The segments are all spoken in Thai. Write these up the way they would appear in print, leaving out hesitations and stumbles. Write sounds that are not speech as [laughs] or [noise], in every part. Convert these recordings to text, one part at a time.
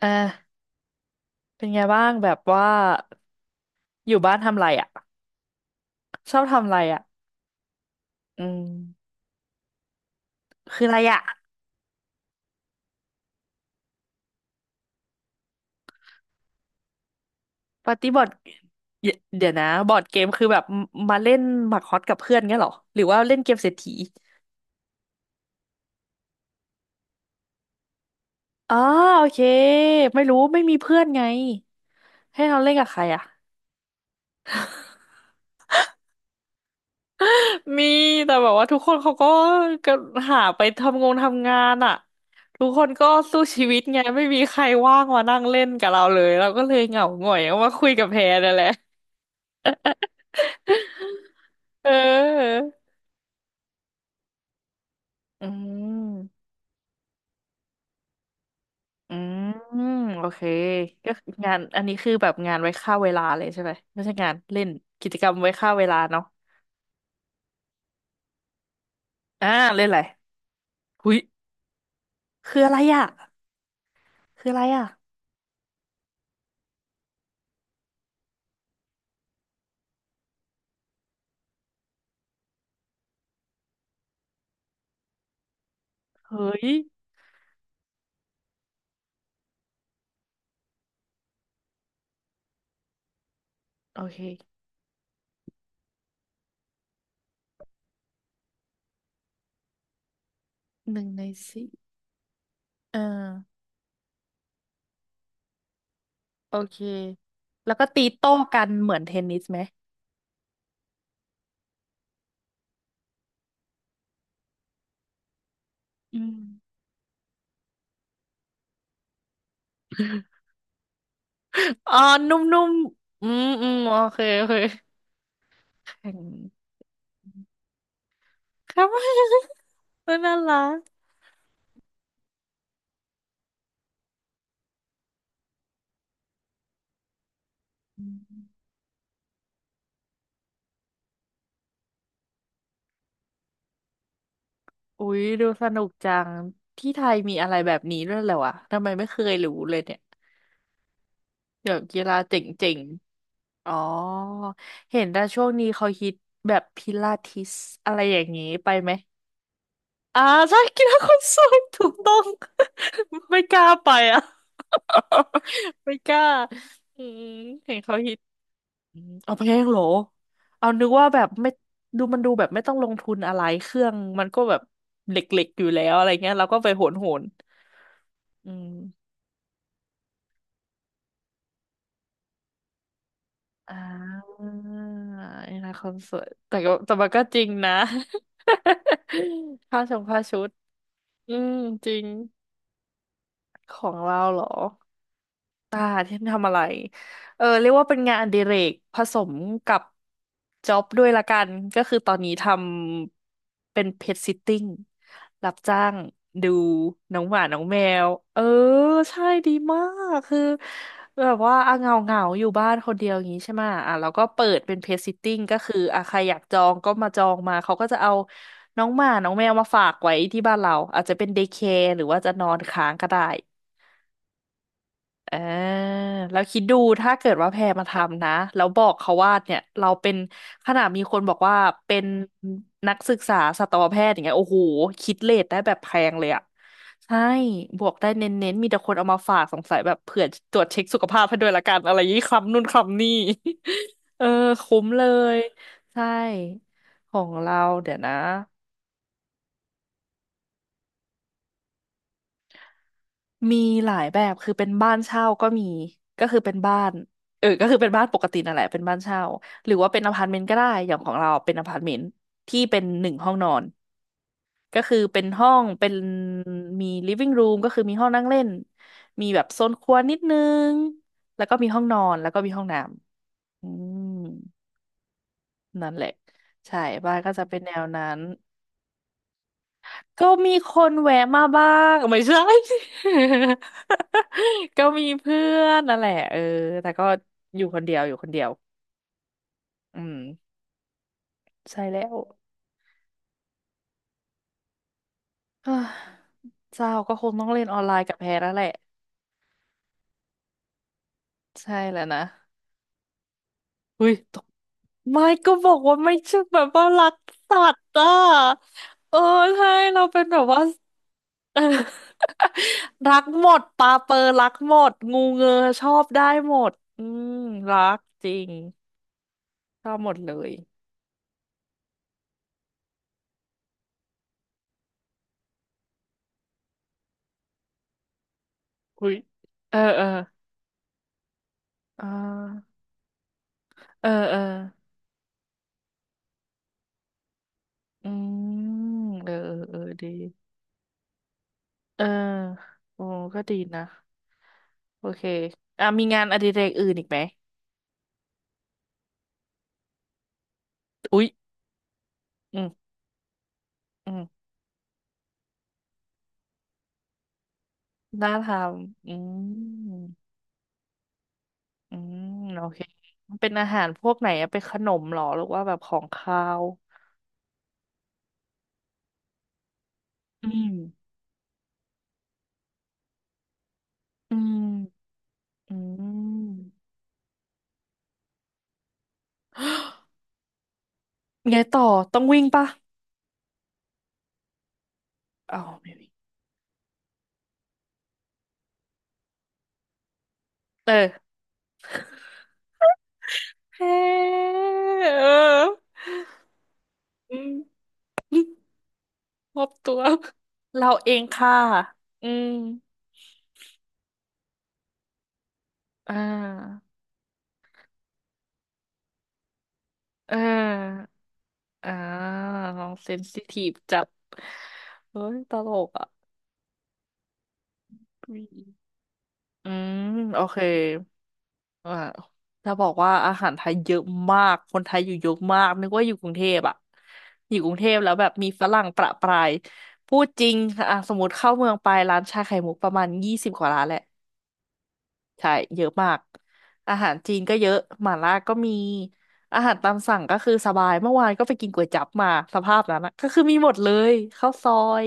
อ่าเป็นไงบ้างแบบว่าอยู่บ้านทำไรอ่ะชอบทำไรอ่ะอืมคืออะไรอ่ะปาร์ตี้บอร์ดเดี๋ยวเดี๋ยวนะบอร์ดเกมคือแบบมาเล่นหมากฮอตกับเพื่อนเงี้ยเหรอหรือว่าเล่นเกมเศรษฐีอ๋อโอเคไม่รู้ไม่มีเพื่อนไงให้เราเล่นกับใครอ่ะมีแต่แบบว่าทุกคนเขาก็หาไปทำงานอ่ะทุกคนก็สู้ชีวิตไงไม่มีใครว่างมานั่งเล่นกับเราเลยเราก็เลยเหงาหงอยเอามาคุยกับแพรนั่นแหละ เอออืมอืมโอเคก็คืองานอันนี้คือแบบงานไว้ฆ่าเวลาเลยใช่ไหมไม่ใช่งานเล่นกิจกรรมไว้ฆ่าเวลาเนาะอ่าเล่นอะไรหุยคืออะไรอ่ะคืออะไรอ่ะเฮ้ยโอเคหนึ่งในสี่เออโอเคแล้วก็ตีโต้กันเหมือนเทนนิสไหมอืมอ๋อนุ่มๆอืมอืมโอเคโอเคแข่ง [laughs] ครับ [laughs] น่ารัก อุ๊ยดูสนุกจังที่ไทยมีอะไรแบบนี้ด้วยเหรอวะทำไมไม่เคยรู้เลยเนี่ยเดี๋ยวกีฬาเจ๋งๆอ๋อเห็นแต่ช่วงนี้เขาฮิตแบบพิลาทิสอะไรอย่างนี้ไปไหมอ่าใช่กีฬาคนสูงถูกต้อง [laughs] ไม่กล้าไปอ่ะ [laughs] ไม่กล้าอืมเห็นเขาฮิต อืมเอาแพงเหรอเอานึกว่าแบบไม่ดูมันดูแบบไม่ต้องลงทุนอะไรเครื่องมันก็แบบเหล็กๆอยู่แล้วอะไรเงี้ยเราก็ไปโหนโหนอืมอ่านี่นะคอนเสิร์ตแต่มันก็จริงนะ [laughs] ค่าชมค่าชุด อืมจริงของเราเหรอ ตาที่ทำอะไรเออเรียกว่าเป็นงานอดิเรกผสมกับจ็อบด้วยละกันก็คือตอนนี้ทำเป็นเพ t ซิตติ้งรับจ้างดูน้องหมาน้องแมว เออใช่ดีมากคือแบบว่าอ่ะเหงาเงาอยู่บ้านคนเดียวอย่างนี้ใช่ไหมะอ่ะเราก็เปิดเป็นเพ t ซิตติ้งก็คืออ่ะใครอยากจองก็มาจองมาเขาก็จะเอาน้องหมาน้องแมวมาฝากไว้ที่บ้านเราอาจจะเป็นเดย์แคร์หรือว่าจะนอนค้างก็ได้ อ่าแล้วคิดดูถ้าเกิดว่าแพรมาทำนะแล้วบอกเขาว่าเนี่ยเราเป็นขนาดมีคนบอกว่าเป็นนักศึกษาสัตวแพทย์อย่างเงี้ยโอ้โหคิดเลทได้แบบแพงเลยอะใช่บวกได้เน้นๆมีแต่คนเอามาฝากสงสัยแบบเผื่อตรวจเช็คสุขภาพให้ด้วยละกันอะไรยี่คำนู่นคำนี่ [laughs] เออคุ้มเลยใช่ของเราเดี๋ยวนะ มีหลายแบบคือเป็นบ้านเช่าก็มีก็คือเป็นบ้านเออก็คือเป็นบ้านปกตินั่นแหละเป็นบ้านเช่าหรือว่าเป็นอพาร์ตเมนต์ก็ได้อย่างของเราเป็นอพาร์ตเมนต์ที่เป็นหนึ่งห้องนอนก็คือเป็นห้องเป็นมีลิฟ i n g r รูมก็คือมีห้องนั่งเล่นมีแบบโซนครัวนิดนึงแล้วก็มีห้องนอนแล้วก็มีห้องน้ำอืมนั่นแหละใช่บ้านก็จะเป็นแนวนั้น ก็มีคนแวะมาบ้างไม่ใช่ [laughs] ก็มีเพื่อนนั่นแหละเออแต่ก็อยู่คนเดียวอยู่คนเดียวอืมใช่แล้ว [sighs] เฮ้ยเจ้าก็คงต้องเล่นออนไลน์กับแพรแล้วแหละใช่แล้วนะอุ้ยตกไม่ก็บอกว่าไม่ใช่แบบว่ารักสัตว์อ่ะเออใช่เราเป็นแบบว่า [laughs] เออ [laughs] รักหมดปลาเปอร์รักหมดงูเงือชอบได้หมดอืมรักจริง ชอบหมดเลยอุ้ยเออเออเอ่าเออเอออืมเออเออเออดีเออโอ้ก็ดีนะโอเคอ่ะ มีงานอดิเรกอื่นอีกไหมอุ๊ยอืมอืมน่าทำอืมอืมโอเคมันเป็นอาหารพวกไหนอะเป็นขนมเหรอหรือว่าแบบของคาวอืมอืมอืมไงต่อ ต้องวิ่งปะอ้าวไม่วิ่งเออเฮ้เออ อืมมอบตัวเราเองค่ะ อืม อ่าเอออ่าน้องเซนซิทีฟจัดเฮ้ยตลกอ่ะอืมอืมโอเคอ่าจะบอกว่าอาหารไทยเยอะมาก คนไทยอยู่เยอะมาก นึกว่าอยู่กรุงเทพอ่ะอยู่กรุงเทพแล้วแบบมีฝรั่งประปราย พูดจริงอ่ะสมมติเข้าเมืองไปร้านชาไข่มุกประมาณ20 กว่าร้านแหละ ใช่เยอะมากอาหารจีนก็เยอะหม่าล่าก็มีอาหารตามสั่งก็คือสบายเมื่อวานก็ไปกินก๋วยจั๊บมาสภาพนั้นนะก็คือมีหมดเลยข้าวซอย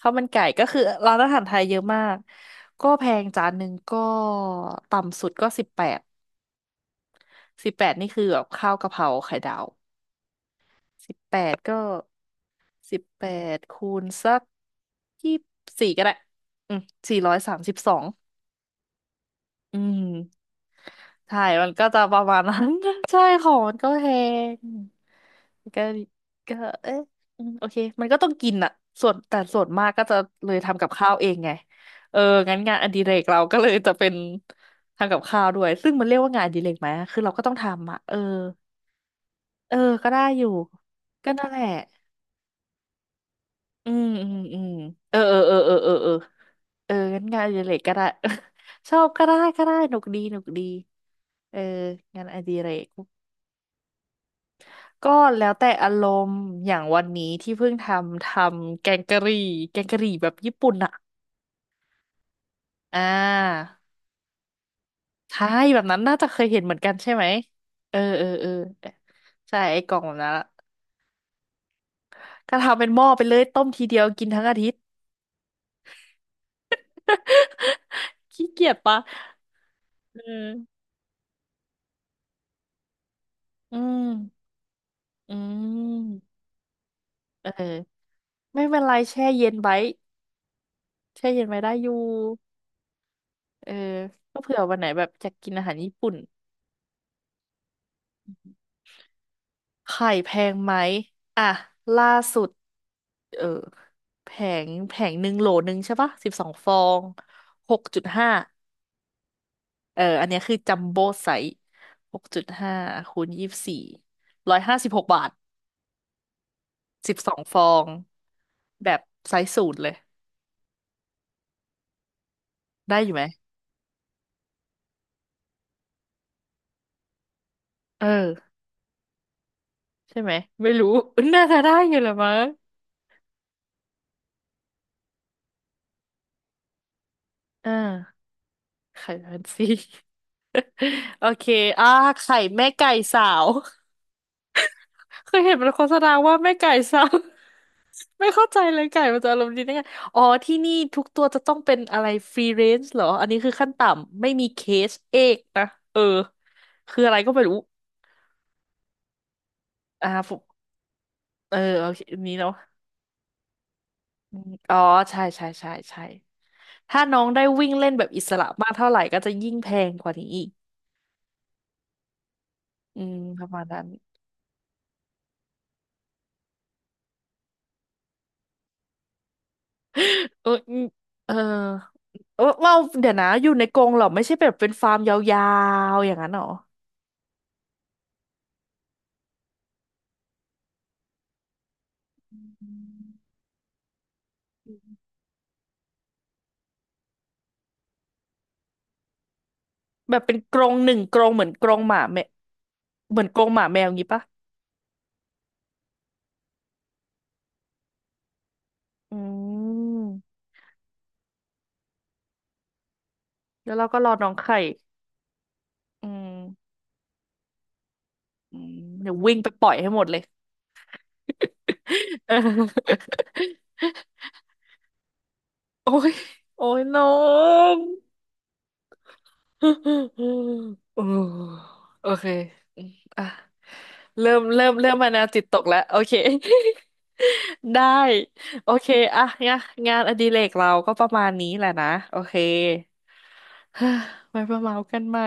ข้าวมันไก่ก็คือร้านอาหารไทยเยอะมากก็แพงจานหนึ่งก็ต่ำสุดก็สิบแปดสิบแปดนี่คือแบบข้าวกะเพราไข่ดาวสิบแปดก็สิบแปดคูณสัก24ก็ได้อืม432อืม ใช่มันก็จะประมาณนั้น [laughs] ใช่ของมันก็แพงก็ก็เอ๊ะอืมโอเคมันก็ต้องกินอะส่วนแต่ส่วนมากก็จะเลยทำกับข้าวเองไงเอองั้นงานอดิเรกเราก็เลยจะเป็นทำกับข้าวด้วยซึ่งมันเรียกว่างานอดิเรกไหมคือเราก็ต้องทำอะเออเออก็ได้อยู่ก็นั่นแหละอืมอืมอืมเออเออเออเออเออเออเอองั้นงานอดิเรกก็ได้ [laughs] ชอบก็ได้ก็ได้หนุกดีหนุกดีเอองานอดิเรก ก็แล้วแต่อารมณ์อย่างวันนี้ที่เพิ่งทำแกงกะหรี่แกงกะหรี่แบบญี่ปุ่นอ่ะอ่าใช่แบบนั้นน่าจะเคยเห็นเหมือนกันใช่ไหมเออเออเออใช่ไอ้กล่องแบบนั้นอะก็ทำเป็นหม้อไปเลยต้มทีเดียวกินทั้งอาทิตย์ขี้เกียจปะเอออืมอืมเออไม่เป็นไรแช่เย็นไว้แช่เย็นไว้ได้อยู่เออก็เผื่อวันไหนแบบจะกกินอาหารญี่ปุ่น ไข่แพงไหมอ่ะล่าสุดเออแผงแผงหนึ่งโหลหนึ่งใช่ปะสิบสองฟองหกจุดห้าเอออันเนี้ยคือจัมโบ้ไซส์หกจุดห้าคูณ24156 บาทสิบสองฟองแบบไซส์0เลยได้อยู่ไหมเออใช่ไหมไม่รู้ [laughs] น่าจะได้อยู่แหละมั้งอ่าไข่แฟนซี [laughs] โอเคอ่าไข่แม่ไก่สาว เคยเห็นมันโฆษณาว่าแม่ไก่ซ้ำ [laughs] ไม่เข้าใจเลยไก่มันจะอารมณ์ดีได้ไงอ๋อที่นี่ทุกตัวจะต้องเป็นอะไรฟรีเรนจ์เหรออันนี้คือขั้นต่ำไม่มีเคสเอกนะเออคืออะไรก็ไม่รู้อ่าผมเออโอเคอันนี้เนาะอืมอ๋อใช่ใช่ใช่ใช่ถ้าน้องได้วิ่งเล่นแบบอิสระมากเท่าไหร่ก็จะยิ่งแพงกว่านี้อีกอืมประมาณนั้น [laughs] เอออืมเออเออเอ้าเดี๋ยวนะอยู่ในกรงเหรอไม่ใช่แบบเป็นฟาร์มยาวๆอย่างนั้นเหรอ แบบเป็นกรงหนึ่งกรงเหมือนกรงหมาแมวเหมือนกรงหมาแมวอย่างงี้ปะอืมแล้วเราก็รอน้องไข่อืมอืมเดี๋ยววิ่งไปปล่อยให้หมดเลย [laughs] เออโอ้ยโอ้ยน้อง [laughs] โอ้โอเคอืมอ่ะเริ่มเริ่มเริ่มมาแนวจิตตกแล้วโอเค [laughs] ได้โอเคอ่ะงะงานอดิเรกเราก็ประมาณนี้แหละนะโอเค [sighs] เฮ้อไว้มาเมาส์กันใหม่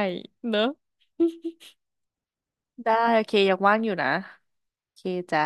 เนอะ [laughs] ได้โอเคยังว่างอยู่นะโอเคจ้า